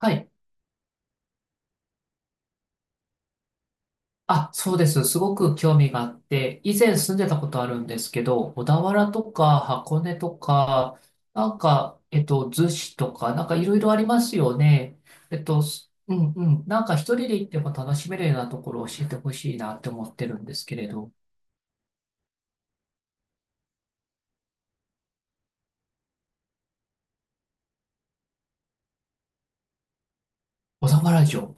はい。あ、そうです。すごく興味があって、以前住んでたことあるんですけど、小田原とか箱根とか、なんか、逗子とか、なんかいろいろありますよね。えっと、すうんうん。なんか一人で行っても楽しめるようなところを教えてほしいなって思ってるんですけれど。小田原城。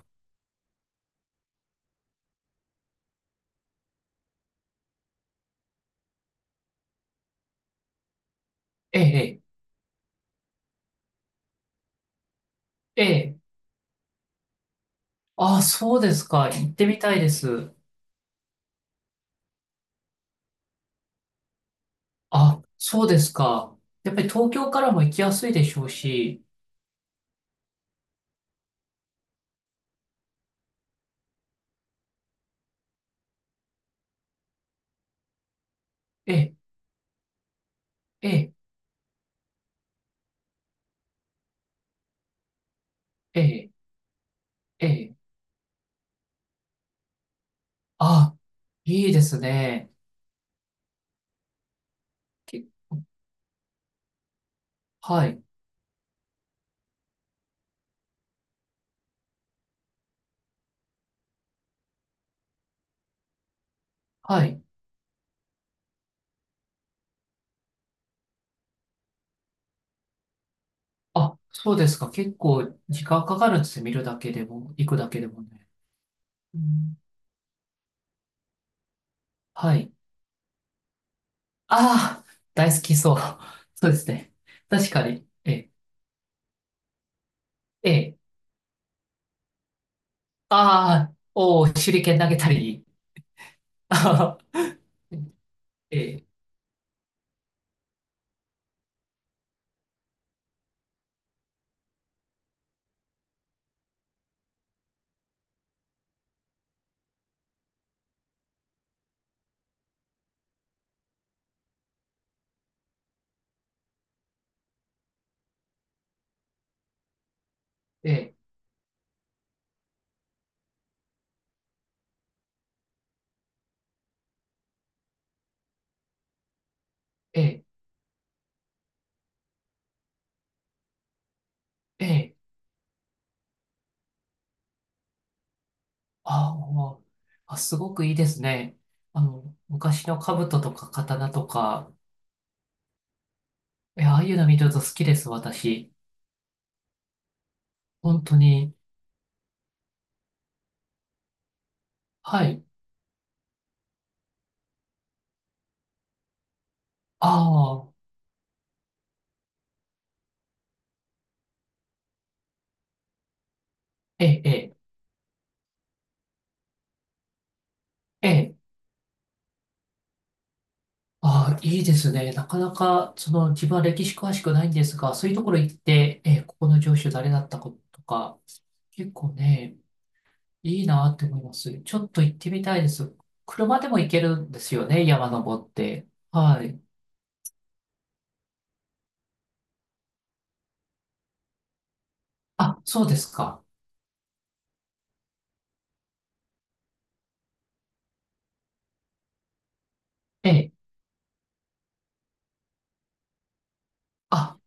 ええ、ええ。ええ、あ、そうですか。行ってみたいです。あ、そうですか。やっぱり東京からも行きやすいでしょうし、ええ、ええ、ええ、ええ。あ、いいですね。け、はい、はい。あ、そうですか。結構時間かかるんですよ。見るだけでも、行くだけでもね。うん、はい。ああ、大好きそう。そうですね。確かに。ええ、ええ、ああ、おー、手裏剣投げたり。あー、ええ、ええ、ええ、ええ、あー、おー、あ、すごくいいですね。あの、昔の兜とか刀とか、え、ああいうの見ると好きです、私。本当に。はい。ああ、ええ、ええ、ええ、ああ、いいですね。なかなか、その、自分は歴史詳しくないんですが、そういうところ行って、ええ、ここの城主誰だったかとか、結構ね、いいなって思います。ちょっと行ってみたいです。車でも行けるんですよね、山登って。はい。あ、そうですか。ええ、あ、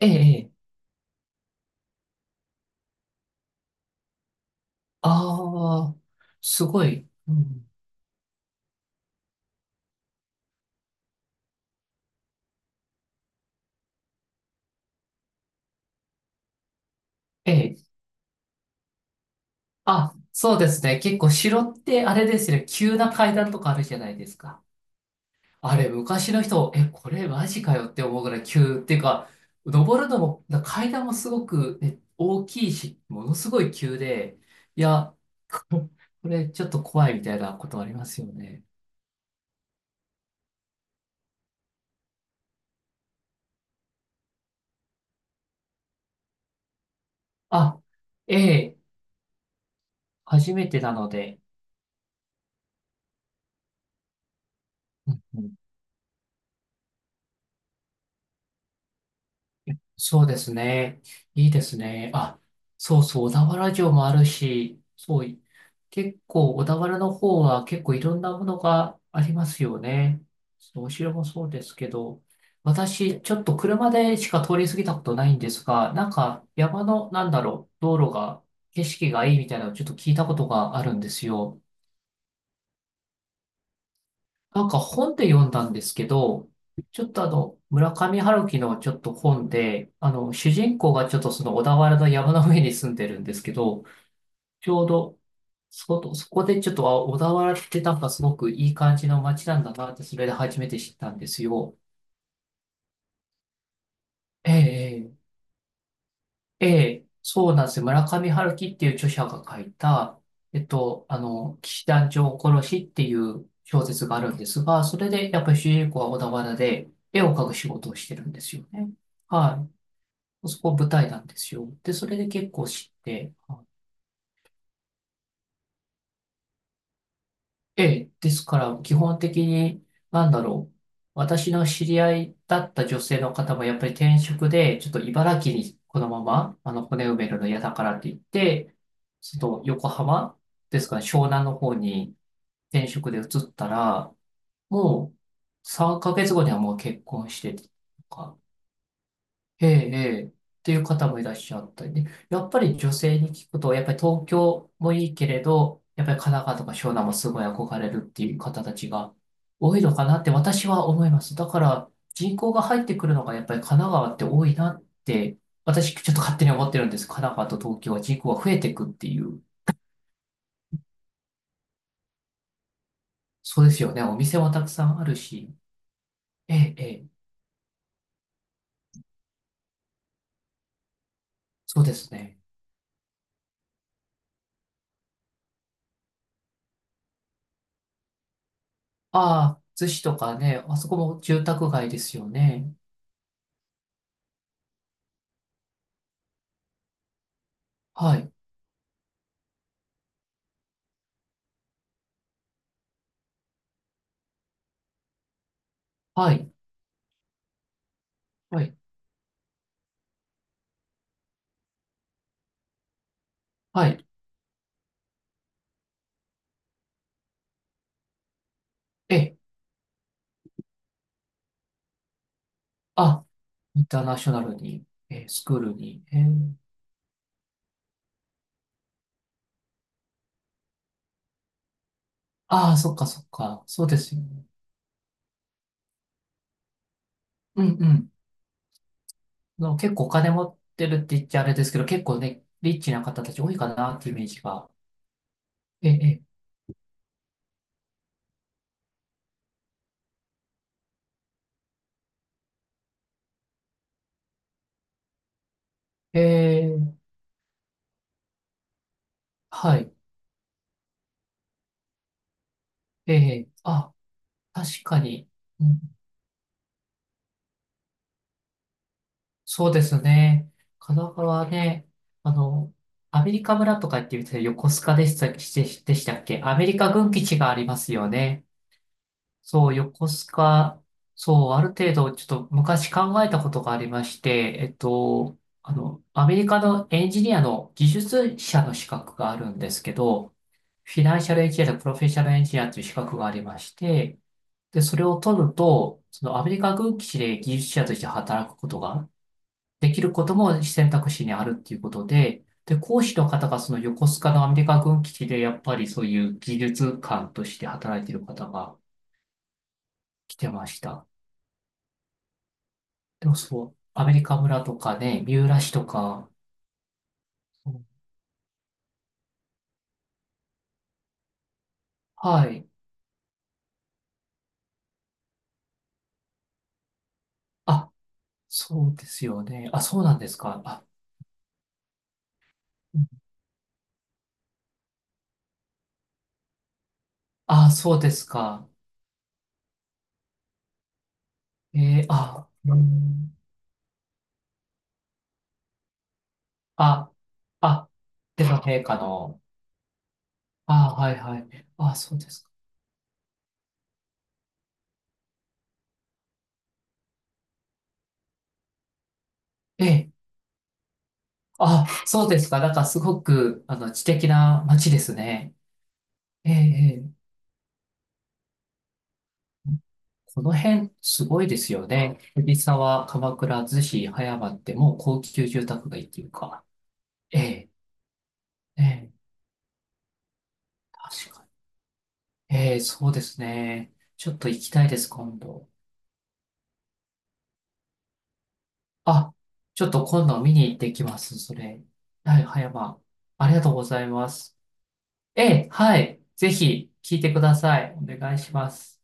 ええ、ええ、ああ、すごい。うん、ええ、あ、そうですね。結構城ってあれですね、急な階段とかあるじゃないですか。あれ、昔の人、え、これマジかよって思うぐらい急っていうか、登るのも、階段もすごく、ね、大きいし、ものすごい急で、いや、ここれちょっと怖いみたいなことありますよね。あ、ええ、初めてなので、うんうん、そうですね。いいですね。あ、そうそう、小田原城もあるし、そうい、結構、小田原の方は結構いろんなものがありますよね。そうお城もそうですけど、私、ちょっと車でしか通り過ぎたことないんですが、なんか山の、なんだろう、道路が、景色がいいみたいなのをちょっと聞いたことがあるんですよ。なんか本で読んだんですけど、ちょっとあの、村上春樹のちょっと本で、あの、主人公がちょっとその小田原の山の上に住んでるんですけど、ちょうど、そこでちょっと、あ、小田原ってなんかすごくいい感じの街なんだなって、それで初めて知ったんですよ。えええええ、そうなんですよ。村上春樹っていう著者が書いた、あの、騎士団長殺しっていう小説があるんですが、それでやっぱり主人公は小田原で絵を描く仕事をしてるんですよね。はい。そこ舞台なんですよ。で、それで結構知って、ええ、ですから、基本的に、なんだろう。私の知り合いだった女性の方も、やっぱり転職で、ちょっと茨城にこのまま、あの、骨埋めるの嫌だからって言って、ちょっと横浜ですかね、湘南の方に転職で移ったら、もう3ヶ月後にはもう結婚してとか、ええ、ええ、っていう方もいらっしゃったりね。やっぱり女性に聞くと、やっぱり東京もいいけれど、やっぱり神奈川とか湘南もすごい憧れるっていう方たちが多いのかなって私は思います。だから人口が入ってくるのがやっぱり神奈川って多いなって、私ちょっと勝手に思ってるんです。神奈川と東京は人口が増えていくっていう。そうですよね。お店もたくさんあるし。ええ、ええ、そうですね。ああ、逗子とかね、あそこも住宅街ですよね。はい、はい。はいはい。え、あ、インターナショナルに、え、スクールに。えー、ああ、そっかそっか。そうですよね。うんうん。結構お金持ってるって言っちゃあれですけど、結構ね、リッチな方たち多いかなっていうイメージが。ええ、ええ、はい。ええ、あ、確かに。うん、そうですね。神奈川ね、あの、アメリカ村とかって言ってたら横須賀でしたっけ、アメリカ軍基地がありますよね。そう、横須賀、そう、ある程度、ちょっと昔考えたことがありまして、あの、アメリカのエンジニアの技術者の資格があるんですけど、フィナンシャルエンジニアとプロフェッショナルエンジニアという資格がありまして、で、それを取ると、そのアメリカ軍基地で技術者として働くことができることも選択肢にあるっていうことで、で、講師の方がその横須賀のアメリカ軍基地でやっぱりそういう技術官として働いている方が来てました。でもそう、アメリカ村とかね、三浦市とか、うん、はい。あ、そうですよね。あ、そうなんですか。あ、うん、あ、そうですか。えー、あ、うん、あ、あ、でも陛下の、あ、はいはい。あ、そうですか。ええ、あ、そうですか。なんかすごく、あの、知的な街ですね。ええ、ええ、この辺、すごいですよね。藤沢、鎌倉、逗子、葉山ってもう高級住宅街っていうか。ええ、ええ、確かに。ええ、そうですね。ちょっと行きたいです、今度。あ、ちょっと今度見に行ってきます、それ。はい、葉山。ありがとうございます。ええ、はい。ぜひ聞いてください。お願いします。